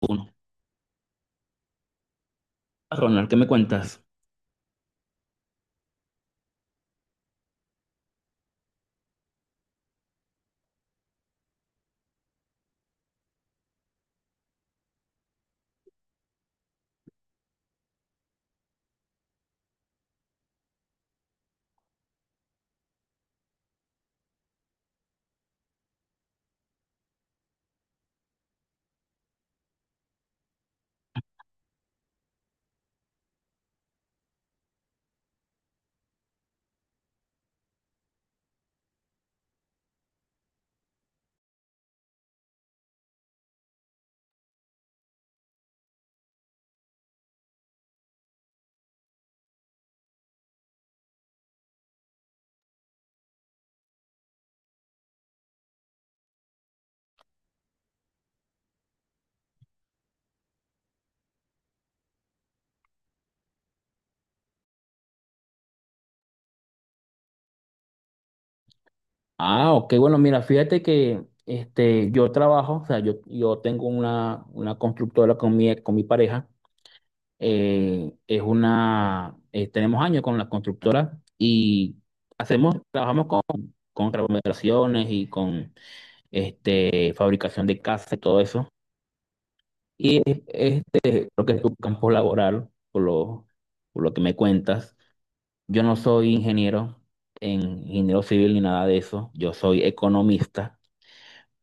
Uno. Ronald, ¿qué me cuentas? Ok, bueno, mira, fíjate que yo trabajo, o sea, yo tengo una constructora con mi pareja, es una, tenemos años con la constructora y hacemos, trabajamos con remodelaciones y con fabricación de casas y todo eso. Y creo que es tu campo laboral, por lo que me cuentas. Yo no soy ingeniero, en ingeniero civil ni nada de eso, yo soy economista,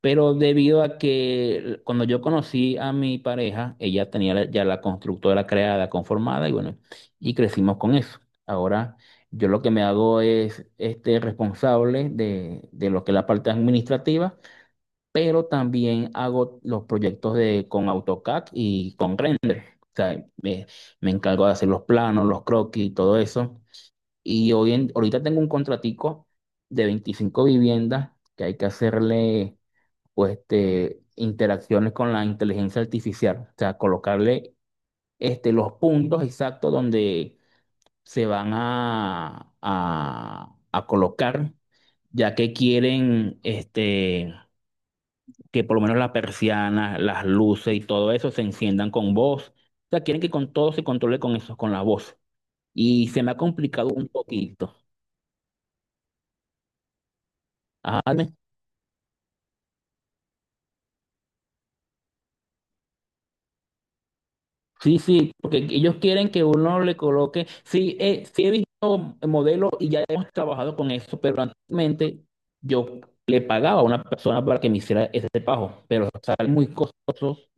pero debido a que cuando yo conocí a mi pareja, ella tenía ya la constructora creada, conformada y bueno, y crecimos con eso. Ahora yo lo que me hago es responsable de lo que es la parte administrativa, pero también hago los proyectos de con AutoCAD y con Render. O sea, me encargo de hacer los planos, los croquis y todo eso. Y ahorita tengo un contratico de 25 viviendas que hay que hacerle pues, interacciones con la inteligencia artificial, o sea, colocarle los puntos exactos donde se van a colocar, ya que quieren que por lo menos las persianas, las luces y todo eso se enciendan con voz. O sea, quieren que con todo se controle con eso, con la voz. Y se me ha complicado un poquito. Ajá, sí, sí, porque ellos quieren que uno le coloque. Sí, sí he visto modelos y ya hemos trabajado con eso, pero anteriormente yo le pagaba a una persona para que me hiciera ese pago, pero salen muy costosos.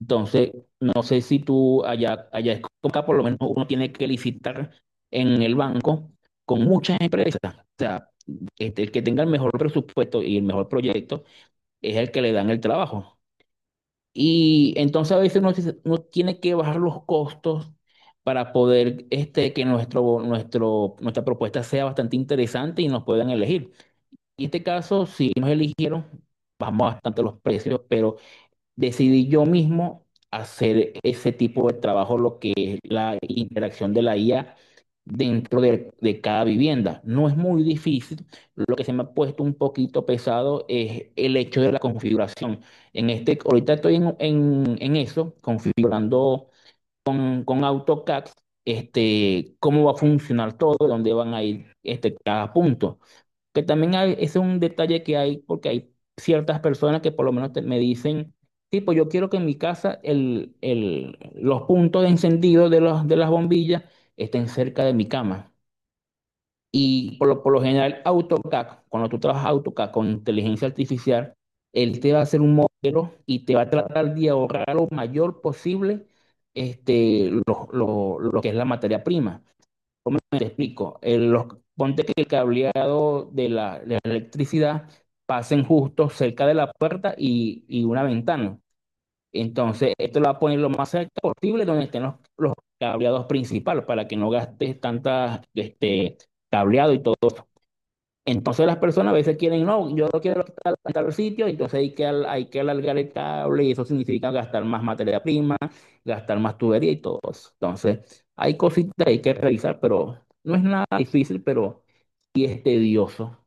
Entonces, no sé si tú allá, allá es como acá, por lo menos uno tiene que licitar en el banco con muchas empresas. O sea, el que tenga el mejor presupuesto y el mejor proyecto es el que le dan el trabajo. Y entonces a veces uno tiene que bajar los costos para poder que nuestra propuesta sea bastante interesante y nos puedan elegir. En este caso, si nos eligieron, bajamos bastante los precios, pero decidí yo mismo hacer ese tipo de trabajo, lo que es la interacción de la IA dentro de cada vivienda. No es muy difícil, lo que se me ha puesto un poquito pesado es el hecho de la configuración. En ahorita estoy en eso, configurando con AutoCAD, cómo va a funcionar todo, dónde van a ir cada punto. Que también hay, ese es un detalle que hay porque hay ciertas personas que por lo menos me dicen, tipo, yo quiero que en mi casa los puntos de encendido de las bombillas estén cerca de mi cama. Y por lo general, AutoCAD, cuando tú trabajas AutoCAD con inteligencia artificial, él te va a hacer un modelo y te va a tratar de ahorrar lo mayor posible este, lo, lo que es la materia prima. Te explico. Ponte que el cableado de de la electricidad pasen justo cerca de la puerta y una ventana. Entonces, esto lo va a poner lo más cerca posible donde estén los cableados principales para que no gastes tantas cableado y todo. Entonces las personas a veces quieren, no, yo no quiero estar en tal sitio, entonces hay hay que alargar el cable y eso significa gastar más materia prima, gastar más tubería y todo eso. Entonces hay cositas que hay que revisar, pero no es nada difícil, pero sí es tedioso.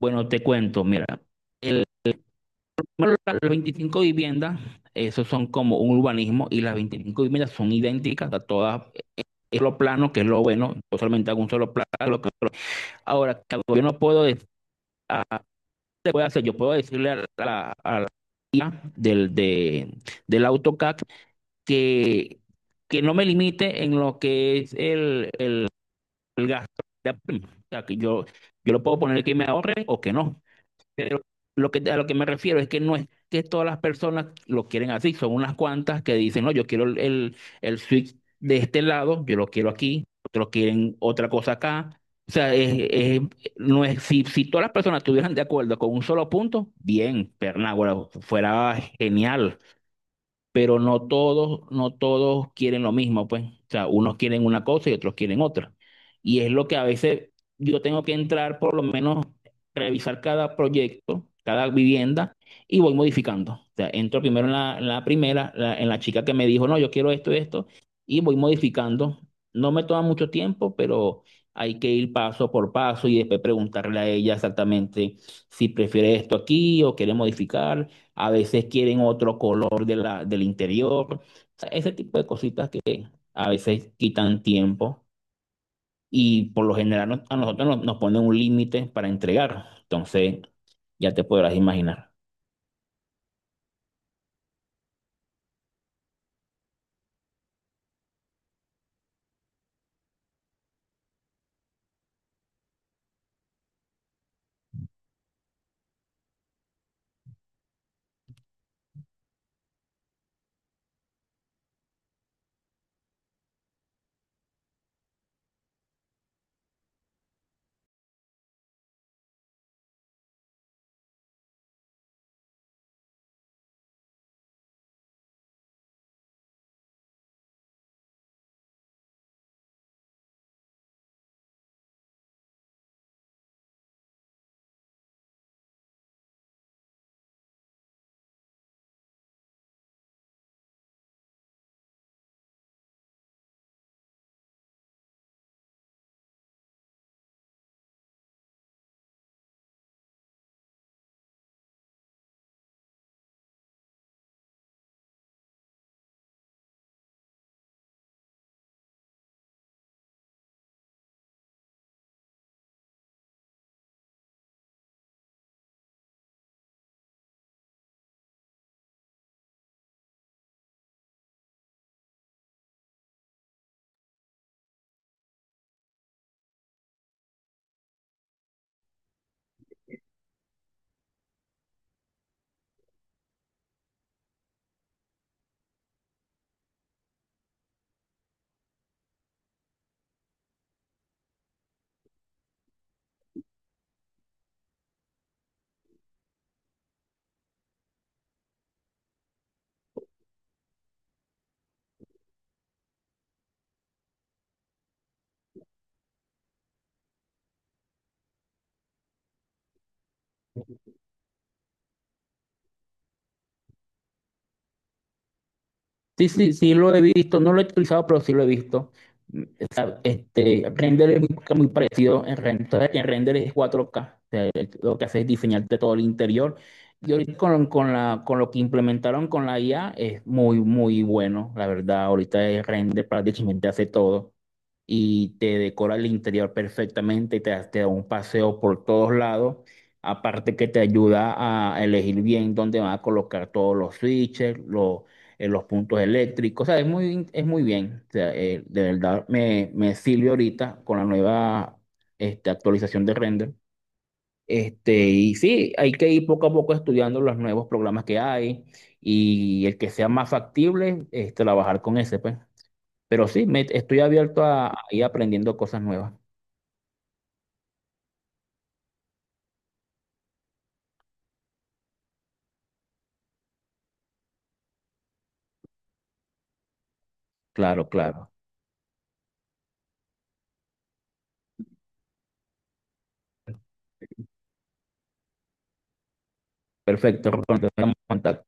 Bueno, te cuento, mira, el, primero, las 25 viviendas, esos son como un urbanismo y las 25 viviendas son idénticas a todas, eh, es lo plano, que es lo bueno, yo solamente hago un solo plano. Ahora, que yo no puedo decir se puede hacer? Yo puedo decirle a a la IA del AutoCAD que, que no me limite en lo que es el gasto. De prima. O sea, yo lo puedo poner que me ahorre o que no. Pero a lo que me refiero es que no es que todas las personas lo quieren así, son unas cuantas que dicen, no, yo quiero el switch de este lado, yo lo quiero aquí, otros quieren otra cosa acá. O sea, no es, si todas las personas estuvieran de acuerdo con un solo punto, bien, Pernágora, fuera genial pero no todos, no todos quieren lo mismo, pues. O sea, unos quieren una cosa y otros quieren otra. Y es lo que a veces yo tengo que entrar, por lo menos, revisar cada proyecto, cada vivienda, y voy modificando. O sea, entro primero en en la primera, en la chica que me dijo, no, yo quiero esto, y voy modificando. No me toma mucho tiempo, pero hay que ir paso por paso y después preguntarle a ella exactamente si prefiere esto aquí o quiere modificar a veces quieren otro color de del interior, o sea, ese tipo de cositas que a veces quitan tiempo y por lo general a nosotros nos ponen un límite para entregar, entonces ya te podrás imaginar. Sí, sí, sí lo he visto, no lo he utilizado, pero sí lo he visto. Mm, o sea, Render es muy parecido en Render. Entonces, en Render es 4K. O sea, lo que hace es diseñarte todo el interior. Y ahorita con lo que implementaron con la IA es muy bueno. La verdad, ahorita el Render prácticamente hace todo y te decora el interior perfectamente y te da un paseo por todos lados. Aparte que te ayuda a elegir bien dónde van a colocar todos los switches, los puntos eléctricos. O sea, es muy bien. O sea, de verdad me sirve ahorita con la nueva actualización de render. Y sí, hay que ir poco a poco estudiando los nuevos programas que hay y el que sea más factible, es trabajar con ese, pues. Pero sí, estoy abierto a ir aprendiendo cosas nuevas. Claro, claro. Perfecto, Rolando, estamos en contacto.